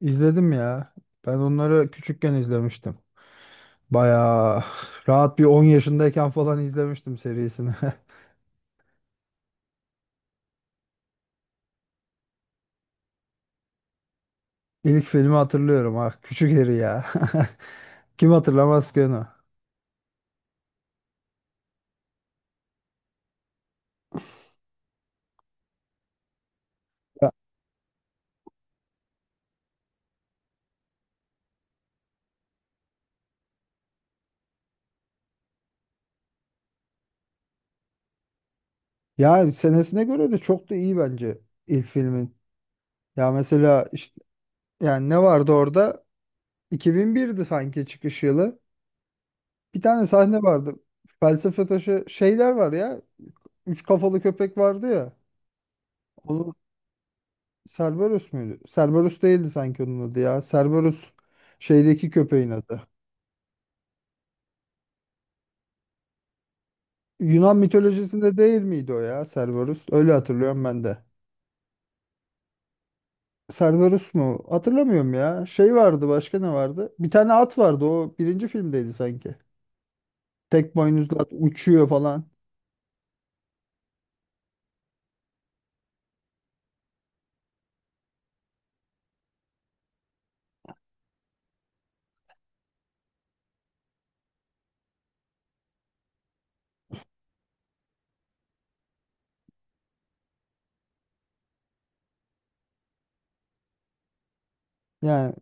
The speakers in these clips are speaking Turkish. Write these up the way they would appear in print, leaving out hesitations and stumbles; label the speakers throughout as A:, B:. A: İzledim ya. Ben onları küçükken izlemiştim. Bayağı rahat bir 10 yaşındayken falan izlemiştim serisini. İlk filmi hatırlıyorum, Ah Küçük Harry ya. Kim hatırlamaz ki onu? Ya, ya, senesine göre de çok da iyi bence ilk filmin. Ya mesela işte yani ne vardı orada? 2001'di sanki çıkış yılı. Bir tane sahne vardı. Felsefe taşı şeyler var ya. Üç kafalı köpek vardı ya. Cerberus muydu? Cerberus değildi sanki onun adı ya. Cerberus şeydeki köpeğin adı. Yunan mitolojisinde değil miydi o ya Cerberus? Öyle hatırlıyorum ben de. Cerberus mu? Hatırlamıyorum ya. Şey vardı, başka ne vardı? Bir tane at vardı, o birinci filmdeydi sanki. Tek boynuzlu at uçuyor falan. Yani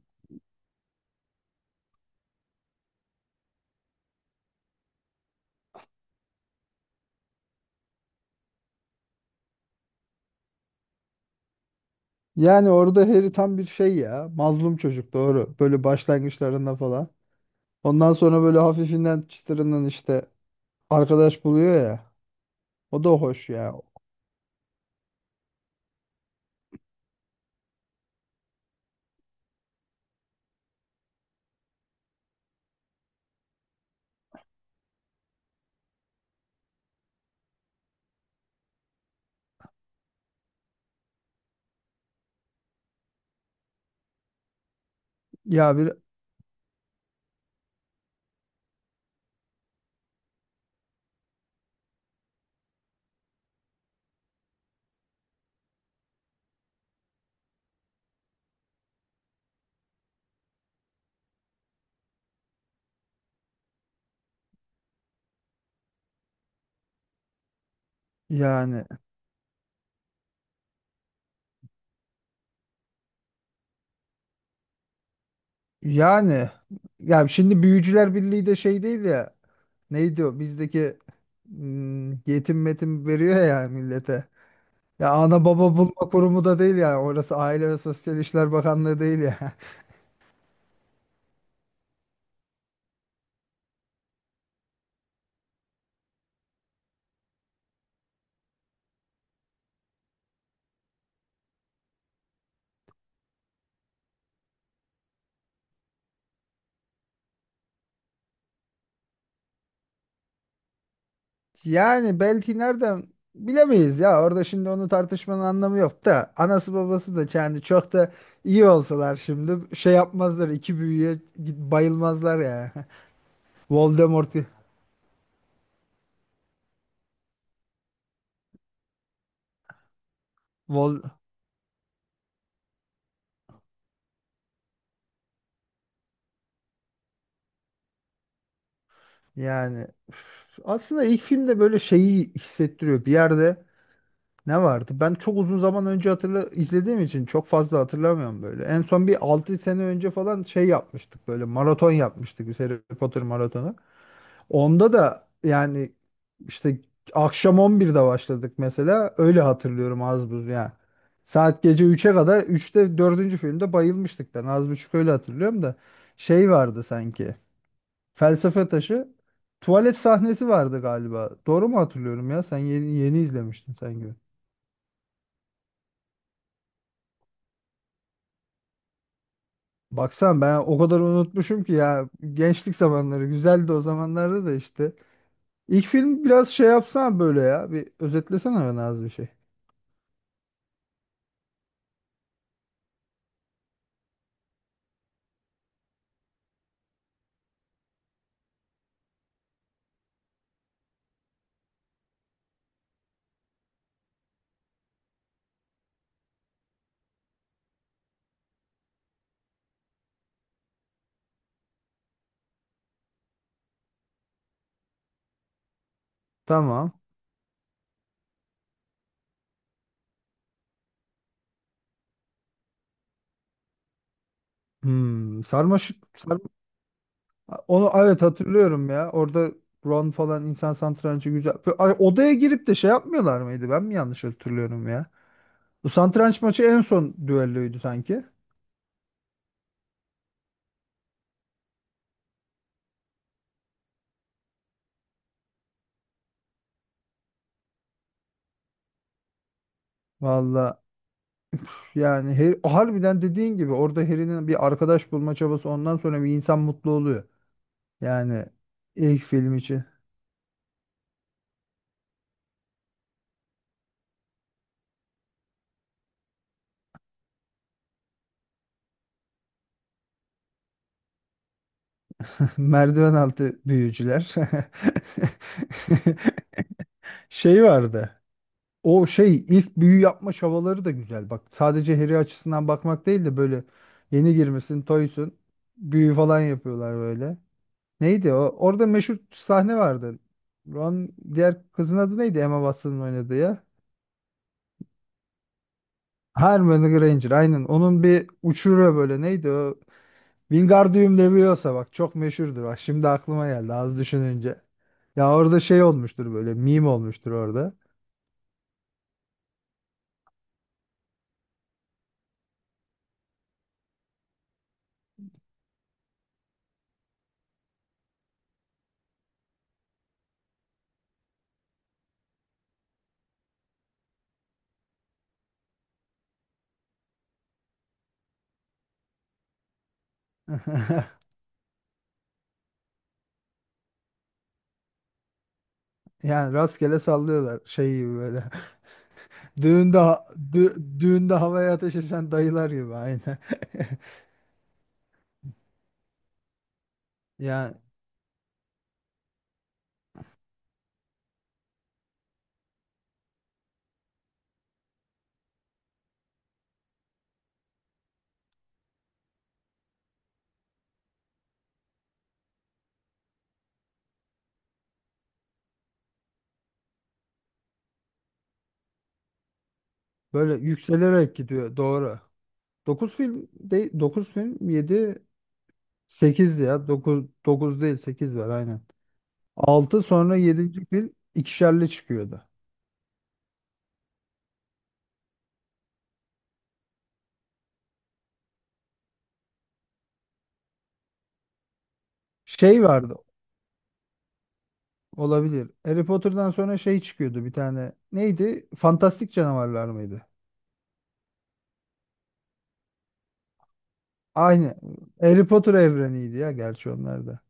A: yani orada Harry tam bir şey ya. Mazlum çocuk, doğru. Böyle başlangıçlarında falan. Ondan sonra böyle hafifinden çıtırından işte arkadaş buluyor ya. O da hoş ya. Ya bir Yani yani ya şimdi Büyücüler Birliği de şey değil ya, neydi o bizdeki, yetim metim veriyor ya millete. Ya ana baba bulma kurumu da değil ya orası, Aile ve Sosyal İşler Bakanlığı değil ya. Yani belki nereden bilemeyiz ya, orada şimdi onu tartışmanın anlamı yok da anası babası da yani çok da iyi olsalar şimdi şey yapmazlar, iki büyüye bayılmazlar ya. Voldemort. Vol Yani üf, aslında ilk filmde böyle şeyi hissettiriyor. Bir yerde ne vardı? Ben çok uzun zaman önce hatırla izlediğim için çok fazla hatırlamıyorum böyle. En son bir 6 sene önce falan şey yapmıştık, böyle maraton yapmıştık biz, Harry Potter maratonu. Onda da yani işte akşam 11'de başladık mesela. Öyle hatırlıyorum, az buz yani. Saat gece üçe kadar, üçte dördüncü filmde bayılmıştık ben, az buçuk öyle hatırlıyorum da şey vardı sanki. Felsefe Taşı. Tuvalet sahnesi vardı galiba. Doğru mu hatırlıyorum ya? Sen yeni, yeni izlemiştin sanki. Baksan ben o kadar unutmuşum ki ya. Gençlik zamanları güzeldi, o zamanlarda da işte. İlk film biraz şey yapsana böyle ya. Bir özetlesene bana az bir şey. Tamam. Sarmaşık. Onu evet hatırlıyorum ya. Orada Ron falan, insan satrancı güzel. Ay, odaya girip de şey yapmıyorlar mıydı? Ben mi yanlış hatırlıyorum ya? Bu satranç maçı en son düelloydu sanki. Valla yani, harbiden dediğin gibi orada Harry'nin bir arkadaş bulma çabası, ondan sonra bir insan mutlu oluyor. Yani ilk film için merdiven altı büyücüler. Şey vardı. O şey ilk büyü yapma çabaları da güzel. Bak, sadece Harry açısından bakmak değil de böyle, yeni girmesin, toysun. Büyü falan yapıyorlar böyle. Neydi o? Orada meşhur sahne vardı. Ron Diğer kızın adı neydi? Emma Watson'ın oynadığı ya. Hermione Granger, aynen. Onun bir uçuruyor böyle, neydi o? Wingardium Leviosa, bak çok meşhurdur. Bak şimdi aklıma geldi az düşününce. Ya orada şey olmuştur böyle, meme olmuştur orada. Yani rastgele sallıyorlar şey gibi böyle. Düğünde ha- düğünde havaya ateş eden dayılar gibi, aynen. Yani böyle yükselerek gidiyor, doğru. 9 film de, 9 film 7 8 ya, dokuz, 9 değil 8 var, aynen. Altı, sonra yedinci film ikişerli çıkıyordu. Şey vardı, olabilir. Harry Potter'dan sonra şey çıkıyordu bir tane. Neydi? Fantastik Canavarlar mıydı? Aynı. Harry Potter evreniydi ya gerçi onlar da.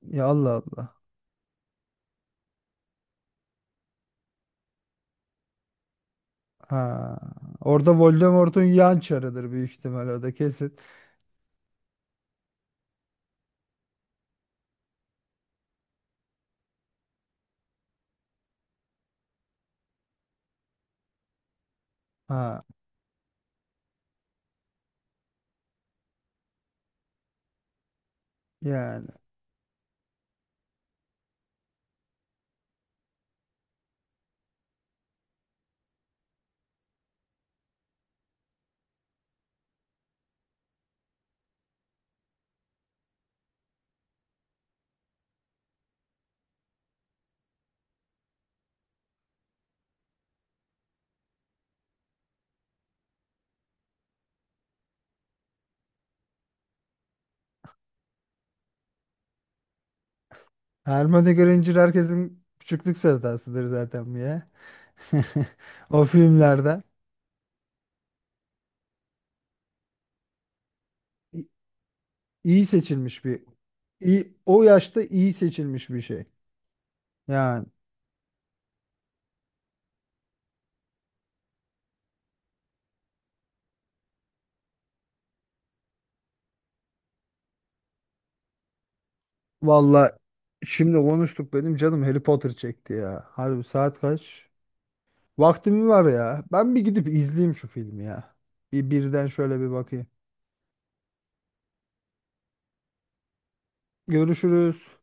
A: Ya Allah Allah. Ha. Orada Voldemort'un yan çarıdır büyük ihtimal o da, kesin. Ha, yani. Hermione Granger herkesin küçüklük sevdasıdır zaten bu ya. O filmlerden i- iyi seçilmiş bir, iyi, o yaşta iyi seçilmiş bir şey. Yani valla, şimdi konuştuk benim canım Harry Potter çekti ya. Harbi saat kaç? Vaktim var ya. Ben bir gidip izleyeyim şu filmi ya. Bir birden şöyle bir bakayım. Görüşürüz.